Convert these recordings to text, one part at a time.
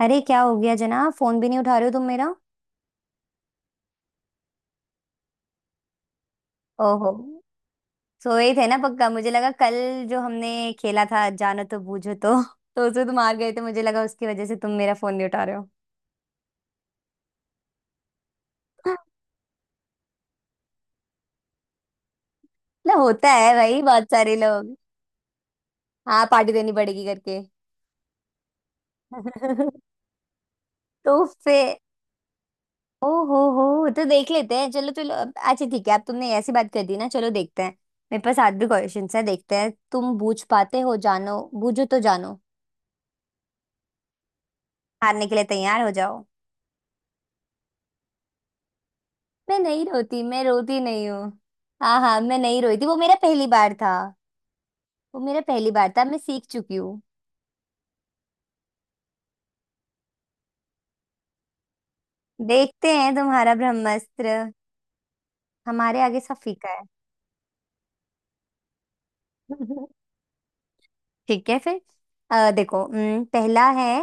अरे क्या हो गया जनाब? फोन भी नहीं उठा रहे हो तुम मेरा। ओहो, सोए थे ना पक्का। मुझे लगा कल जो हमने खेला था जानो तो बूझो तो उसमें तुम हार गए थे, मुझे लगा उसकी वजह से तुम मेरा फोन नहीं उठा रहे हो। ना, होता है भाई, बहुत सारे लोग। हाँ, पार्टी देनी पड़ेगी करके। तो फिर? ओ हो, तो देख लेते हैं। चलो चलो अच्छा ठीक है, अब तुमने ऐसी बात कर दी ना, चलो देखते हैं। मेरे पास आज भी क्वेश्चन है, देखते हैं तुम बूझ पाते हो। जानो बूझो तो जानो। हारने के लिए तैयार हो जाओ। मैं नहीं रोती, मैं रोती नहीं हूँ। हाँ हाँ, मैं नहीं रोई थी, वो मेरा पहली बार था। वो मेरा पहली बार था, मैं सीख चुकी हूँ। देखते हैं तुम्हारा ब्रह्मास्त्र, हमारे आगे सब फीका है। ठीक है फिर। देखो, पहला है,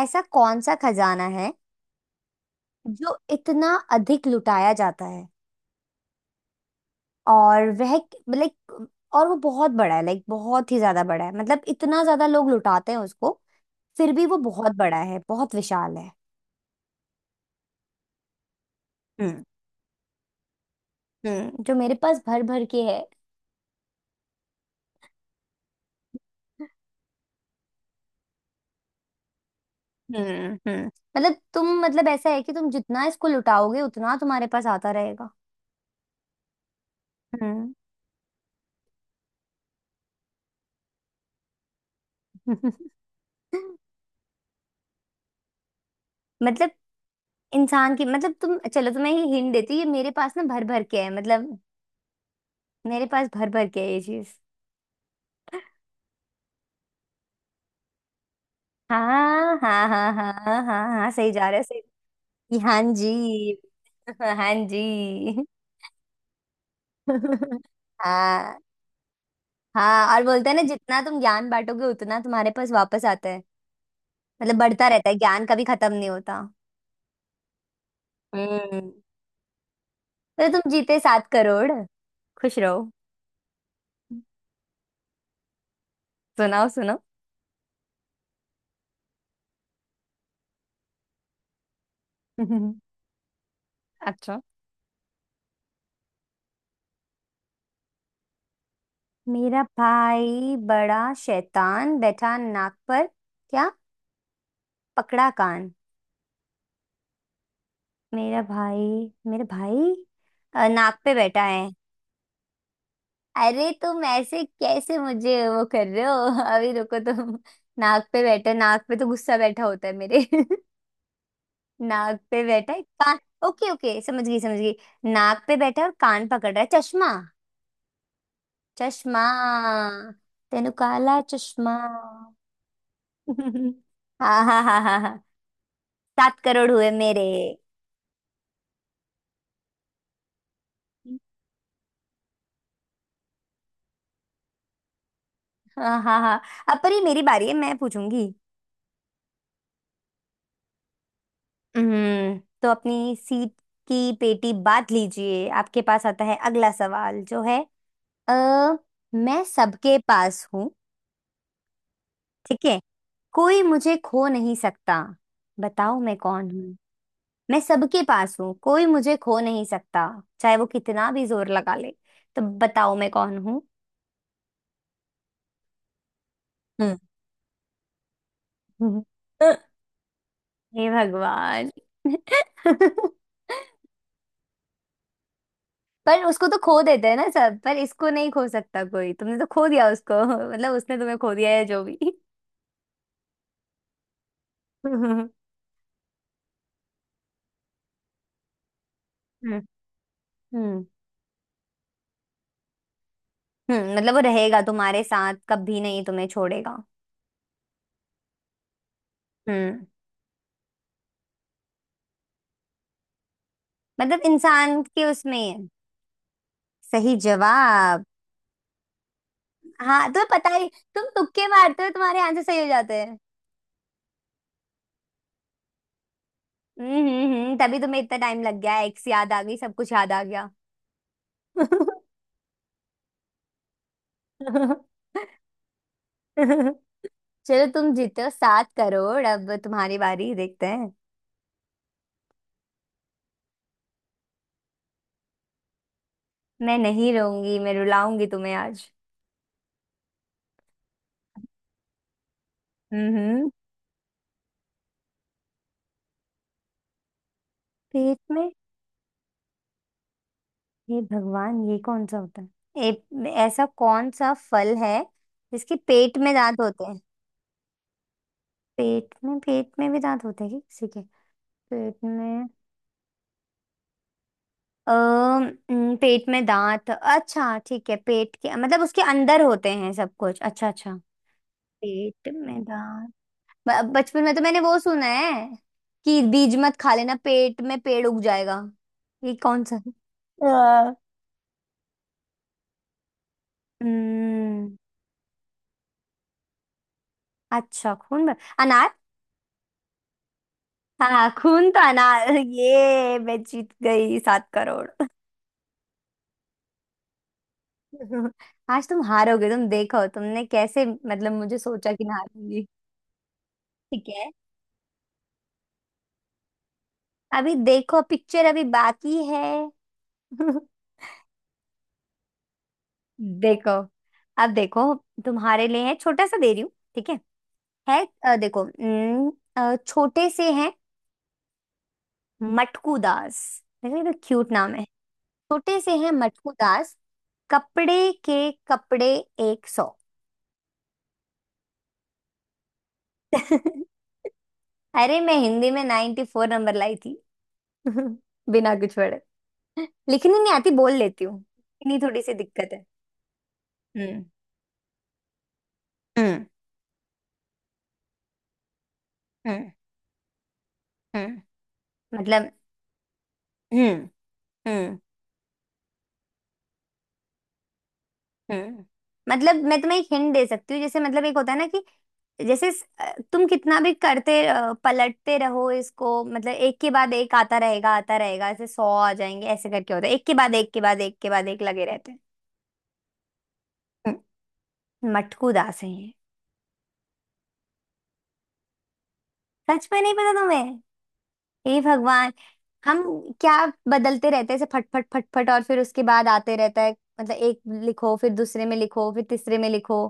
ऐसा कौन सा खजाना है जो इतना अधिक लुटाया जाता है, और वह लाइक और वो बहुत बड़ा है, बहुत ही ज्यादा बड़ा है, मतलब इतना ज्यादा लोग लुटाते हैं उसको फिर भी वो बहुत बड़ा है, बहुत विशाल है। हम्म। हम्म, जो मेरे पास भर भर के है। हम्म, मतलब तुम मतलब ऐसा है कि तुम जितना इसको लुटाओगे उतना तुम्हारे पास आता रहेगा। हम्म। मतलब इंसान की, मतलब तुम चलो तुम्हें ये हिंट देती हूँ, ये मेरे पास ना भर भर के है, मतलब मेरे पास भर भर के है ये चीज। हाँ हाँ हाँ हाँ हाँ। हाँ, सही जा रहे हो, सही। हाँ जी। हाँ जी। हाँ हाँ, और बोलते हैं ना जितना तुम ज्ञान बांटोगे उतना तुम्हारे पास वापस आता है। मतलब बढ़ता रहता है, ज्ञान कभी खत्म नहीं होता। हम्म, तो तुम जीते 7 करोड़, खुश रहो। सुनाओ, सुनो। अच्छा। मेरा भाई बड़ा शैतान, बैठा नाक पर, क्या पकड़ा? कान। मेरा भाई नाक पे बैठा है। अरे तुम ऐसे कैसे मुझे वो कर रहे हो? अभी रुको तुम। नाक पे बैठा, नाक पे तो गुस्सा बैठा होता है मेरे। नाक पे बैठा है कान। ओके ओके, समझ गई समझ गई। नाक पे बैठा है और कान पकड़ रहा है, चश्मा। चश्मा, तेनु काला चश्मा। हाँ हाँ हाँ हाँ हाँ। सात करोड़ हुए मेरे। हाँ हाँ हाँ, अब पर ये मेरी बारी है, मैं पूछूंगी। हम्म, तो अपनी सीट की पेटी बांध लीजिए, आपके पास आता है अगला सवाल। जो है अ मैं सबके पास हूँ, ठीक है, कोई मुझे खो नहीं सकता, बताओ मैं कौन हूँ? मैं सबके पास हूँ, कोई मुझे खो नहीं सकता, चाहे वो कितना भी जोर लगा ले, तो बताओ मैं कौन हूँ? हम्म। हे भगवान। पर उसको तो खो देते हैं ना सब, पर इसको नहीं खो सकता कोई। तुमने तो खो दिया उसको, मतलब उसने तुम्हें खो दिया है जो भी। हम्म हम्म मतलब वो रहेगा तुम्हारे साथ, कभी नहीं तुम्हें छोड़ेगा। हम्म, मतलब इंसान के उसमें ही है। सही जवाब। हाँ, तुम्हें पता ही। तुम तुक्के मारते हो, तुम्हारे आंसर सही हो जाते हैं। तभी तुम्हें इतना टाइम लग गया, एक्स याद आ गई, सब कुछ याद आ गया। चलो तुम जीते हो 7 करोड़, अब तुम्हारी बारी देखते हैं। मैं नहीं रहूंगी, मैं रुलाऊंगी तुम्हें आज। हम्म हम्म। पेट में? हे भगवान, ये कौन सा होता है? ए, ऐसा कौन सा फल है जिसके पेट में दांत होते हैं? पेट में, पेट में भी दांत होते हैं क्या किसी के? पेट में अ, न, पेट में दांत, अच्छा ठीक है, पेट के मतलब उसके अंदर होते हैं सब कुछ, अच्छा अच्छा। पेट में दांत, बचपन में तो मैंने वो सुना है कि बीज मत खा लेना पेट में पेड़ उग जाएगा। ये कौन सा है? हाँ, हम्म, अच्छा खून में, अनार। हाँ, खून तो अनार, ये मैं जीत गई 7 करोड़। आज तुम हारोगे, तुम देखो, तुमने कैसे मतलब मुझे सोचा कि मैं हारूंगी। ठीक है, अभी देखो पिक्चर अभी बाकी है। देखो, अब देखो, तुम्हारे लिए है छोटा सा दे रही हूँ ठीक है। है देखो न, छोटे से हैं मटकू दास, देखो ये तो क्यूट नाम है। छोटे से हैं मटकू दास, कपड़े के कपड़े 100। अरे, मैं हिंदी में 94 नंबर लाई थी। बिना कुछ पढ़े। लिखनी नहीं आती, बोल लेती हूँ, इतनी थोड़ी सी दिक्कत है। हम्म हम्म हम्म हम्म, मतलब हम्म हम्म हम्म, मतलब मैं तुम्हें एक हिंट दे सकती हूँ। जैसे मतलब एक होता है ना कि जैसे तुम कितना भी करते पलटते रहो इसको, मतलब एक के बाद एक आता रहेगा आता रहेगा, ऐसे सौ आ जाएंगे ऐसे करके होता है, एक के बाद एक के बाद एक के बाद एक लगे रहते हैं। हम्म। मटकू दास है ये। सच में नहीं पता तुम्हें? हे भगवान। हम, क्या? बदलते रहते हैं ऐसे फट फट फट फट और फिर उसके बाद आते रहता है, मतलब एक लिखो फिर दूसरे में लिखो फिर तीसरे में लिखो।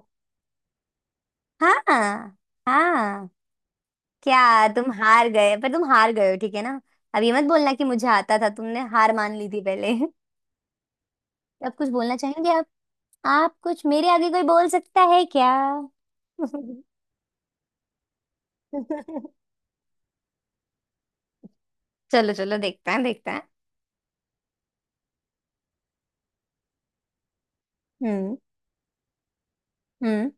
हाँ, हाँ, क्या तुम हार गए? पर तुम हार गए हो ठीक है ना, अब ये मत बोलना कि मुझे आता था, तुमने हार मान ली थी पहले। अब कुछ बोलना चाहेंगे आप? आप, कुछ मेरे आगे कोई बोल सकता है क्या? चलो चलो, देखते हैं देखते हैं। हम्म हम्म,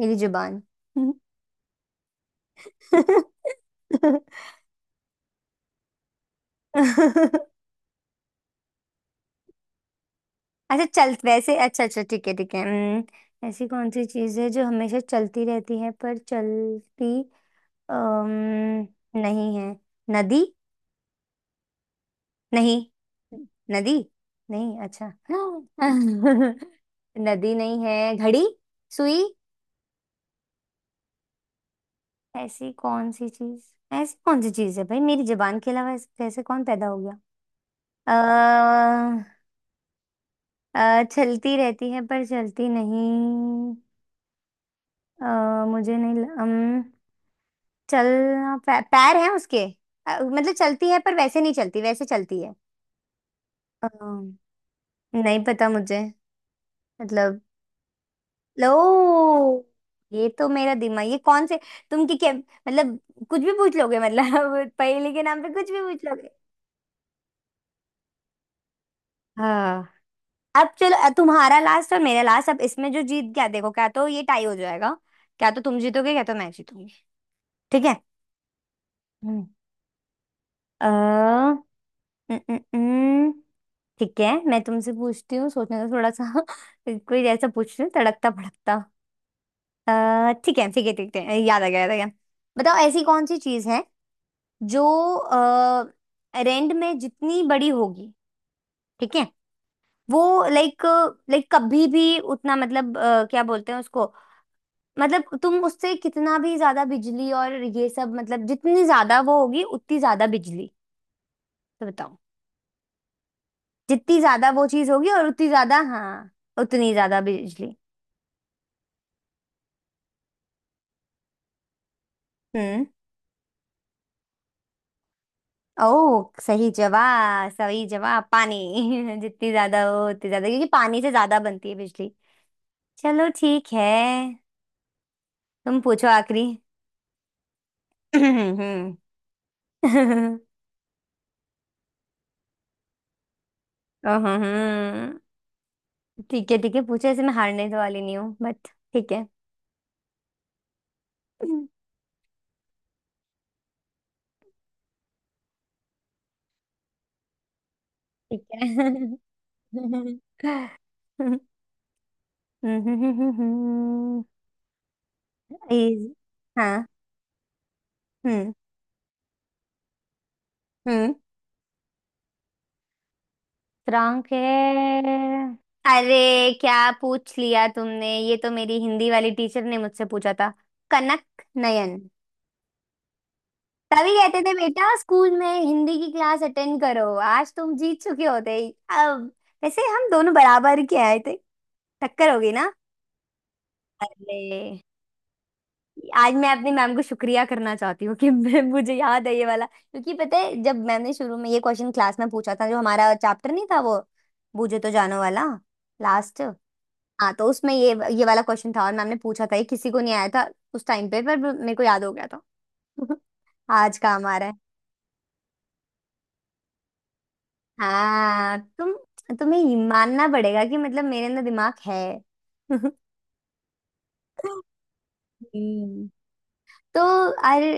मेरी जुबान। अच्छा चल, वैसे अच्छा अच्छा, ठीक है ठीक है, ऐसी कौन सी चीज है जो हमेशा चलती रहती है पर चलती नहीं है। नदी? नहीं, नदी। नहीं अच्छा, नदी नहीं है, घड़ी, सुई? ऐसी कौन सी चीज, ऐसी कौन सी चीज है भाई, मेरी जुबान के अलावा ऐसे कैसे कौन पैदा हो गया? अ चलती रहती है पर चलती नहीं। मुझे नहीं चलना पैर है उसके। मतलब चलती है पर वैसे नहीं चलती, वैसे चलती है। अ, नहीं पता मुझे मतलब। लो, ये तो मेरा दिमाग, ये कौन से तुम की क्या मतलब, कुछ भी पूछ लोगे मतलब। पहेली के नाम पे कुछ भी पूछ लोगे। हाँ, अब चलो, तुम्हारा लास्ट और मेरा लास्ट, अब इसमें जो जीत गया देखो, क्या तो ये टाई हो जाएगा, क्या तो तुम जीतोगे, क्या तो मैं जीतूंगी। ठीक है। हम्म, अ, न, न, न, ठीक है, मैं तुमसे पूछती हूँ, सोचने का थोड़ा सा। कोई ऐसा पूछ रही, तड़कता भड़कता। ठीक है ठीक है ठीक है, याद आ गया याद आ गया। बताओ ऐसी कौन सी चीज है जो रेंट में जितनी बड़ी होगी, ठीक है, वो लाइक लाइक कभी भी उतना, मतलब क्या बोलते हैं उसको, मतलब तुम उससे कितना भी ज्यादा बिजली और ये सब, मतलब जितनी ज्यादा वो होगी उतनी ज्यादा बिजली, तो बताओ जितनी ज्यादा वो चीज होगी और उतनी ज्यादा। हाँ, उतनी ज्यादा बिजली। हम्म। ओ, सही जवाब सही जवाब, पानी। जितनी ज्यादा हो उतनी ज्यादा, क्योंकि पानी से ज्यादा बनती है बिजली। चलो ठीक है। तुम पूछो आखिरी। हम्म। अहं, ठीक है ठीक है, पूछो, ऐसे मैं हारने तो वाली नहीं हूँ बट ठीक है ठीक है। इस- हाँ। हम्म हम्म। फ्रांक है? अरे क्या पूछ लिया तुमने, ये तो मेरी हिंदी वाली टीचर ने मुझसे पूछा था। कनक नयन। तभी कहते थे बेटा स्कूल में हिंदी की क्लास अटेंड करो, आज तुम जीत चुके होते। अब वैसे हम दोनों बराबर के आए थे, टक्कर होगी ना। अरे, आज मैं अपनी मैम को शुक्रिया करना चाहती हूँ कि मुझे याद है ये वाला। क्योंकि पता है जब मैम ने शुरू में ये क्वेश्चन क्लास में पूछा था जो हमारा चैप्टर नहीं था वो, बूझे तो जानो वाला लास्ट। हाँ, तो उसमें ये वाला क्वेश्चन था, और मैम ने पूछा था, ये किसी को नहीं आया था उस टाइम पे पर मेरे को याद हो गया था। आज काम आ रहा है। हाँ तुम, तुम्हें ये मानना पड़ेगा कि मतलब मेरे अंदर दिमाग है। हम्म। तो अरे,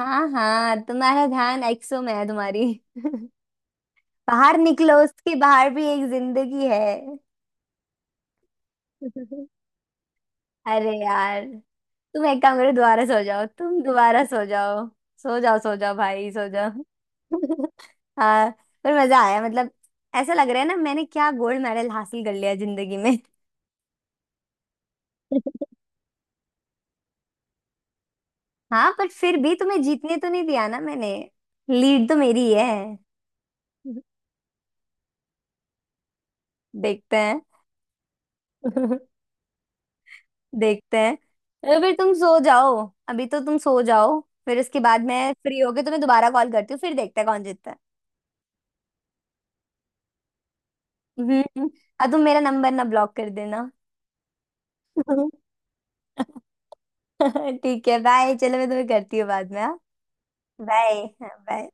हाँ हाँ, तुम्हारा ध्यान एक्सो में है तुम्हारी। बाहर निकलो, उसके बाहर भी एक जिंदगी है। अरे यार, तुम एक काम करो, दोबारा सो जाओ, तुम दोबारा सो जाओ। सो जाओ सो जाओ भाई, सो जाओ। हाँ, पर मजा आया, मतलब ऐसा लग रहा है ना मैंने क्या गोल्ड मेडल हासिल कर लिया जिंदगी में। हाँ, पर फिर भी तुम्हें जीतने तो नहीं दिया ना मैंने, लीड तो मेरी ही है। देखते हैं। देखते हैं, तो फिर तुम सो जाओ। अभी तो तुम सो जाओ, फिर उसके बाद मैं फ्री होके तुम्हें दोबारा कॉल करती हूँ, फिर देखते हैं कौन जीतता है। हम्म। और तुम मेरा नंबर ना ब्लॉक कर देना। ठीक है बाय, चलो मैं तुम्हें करती हूँ बाद में। हाँ, बाय। हाँ, बाय।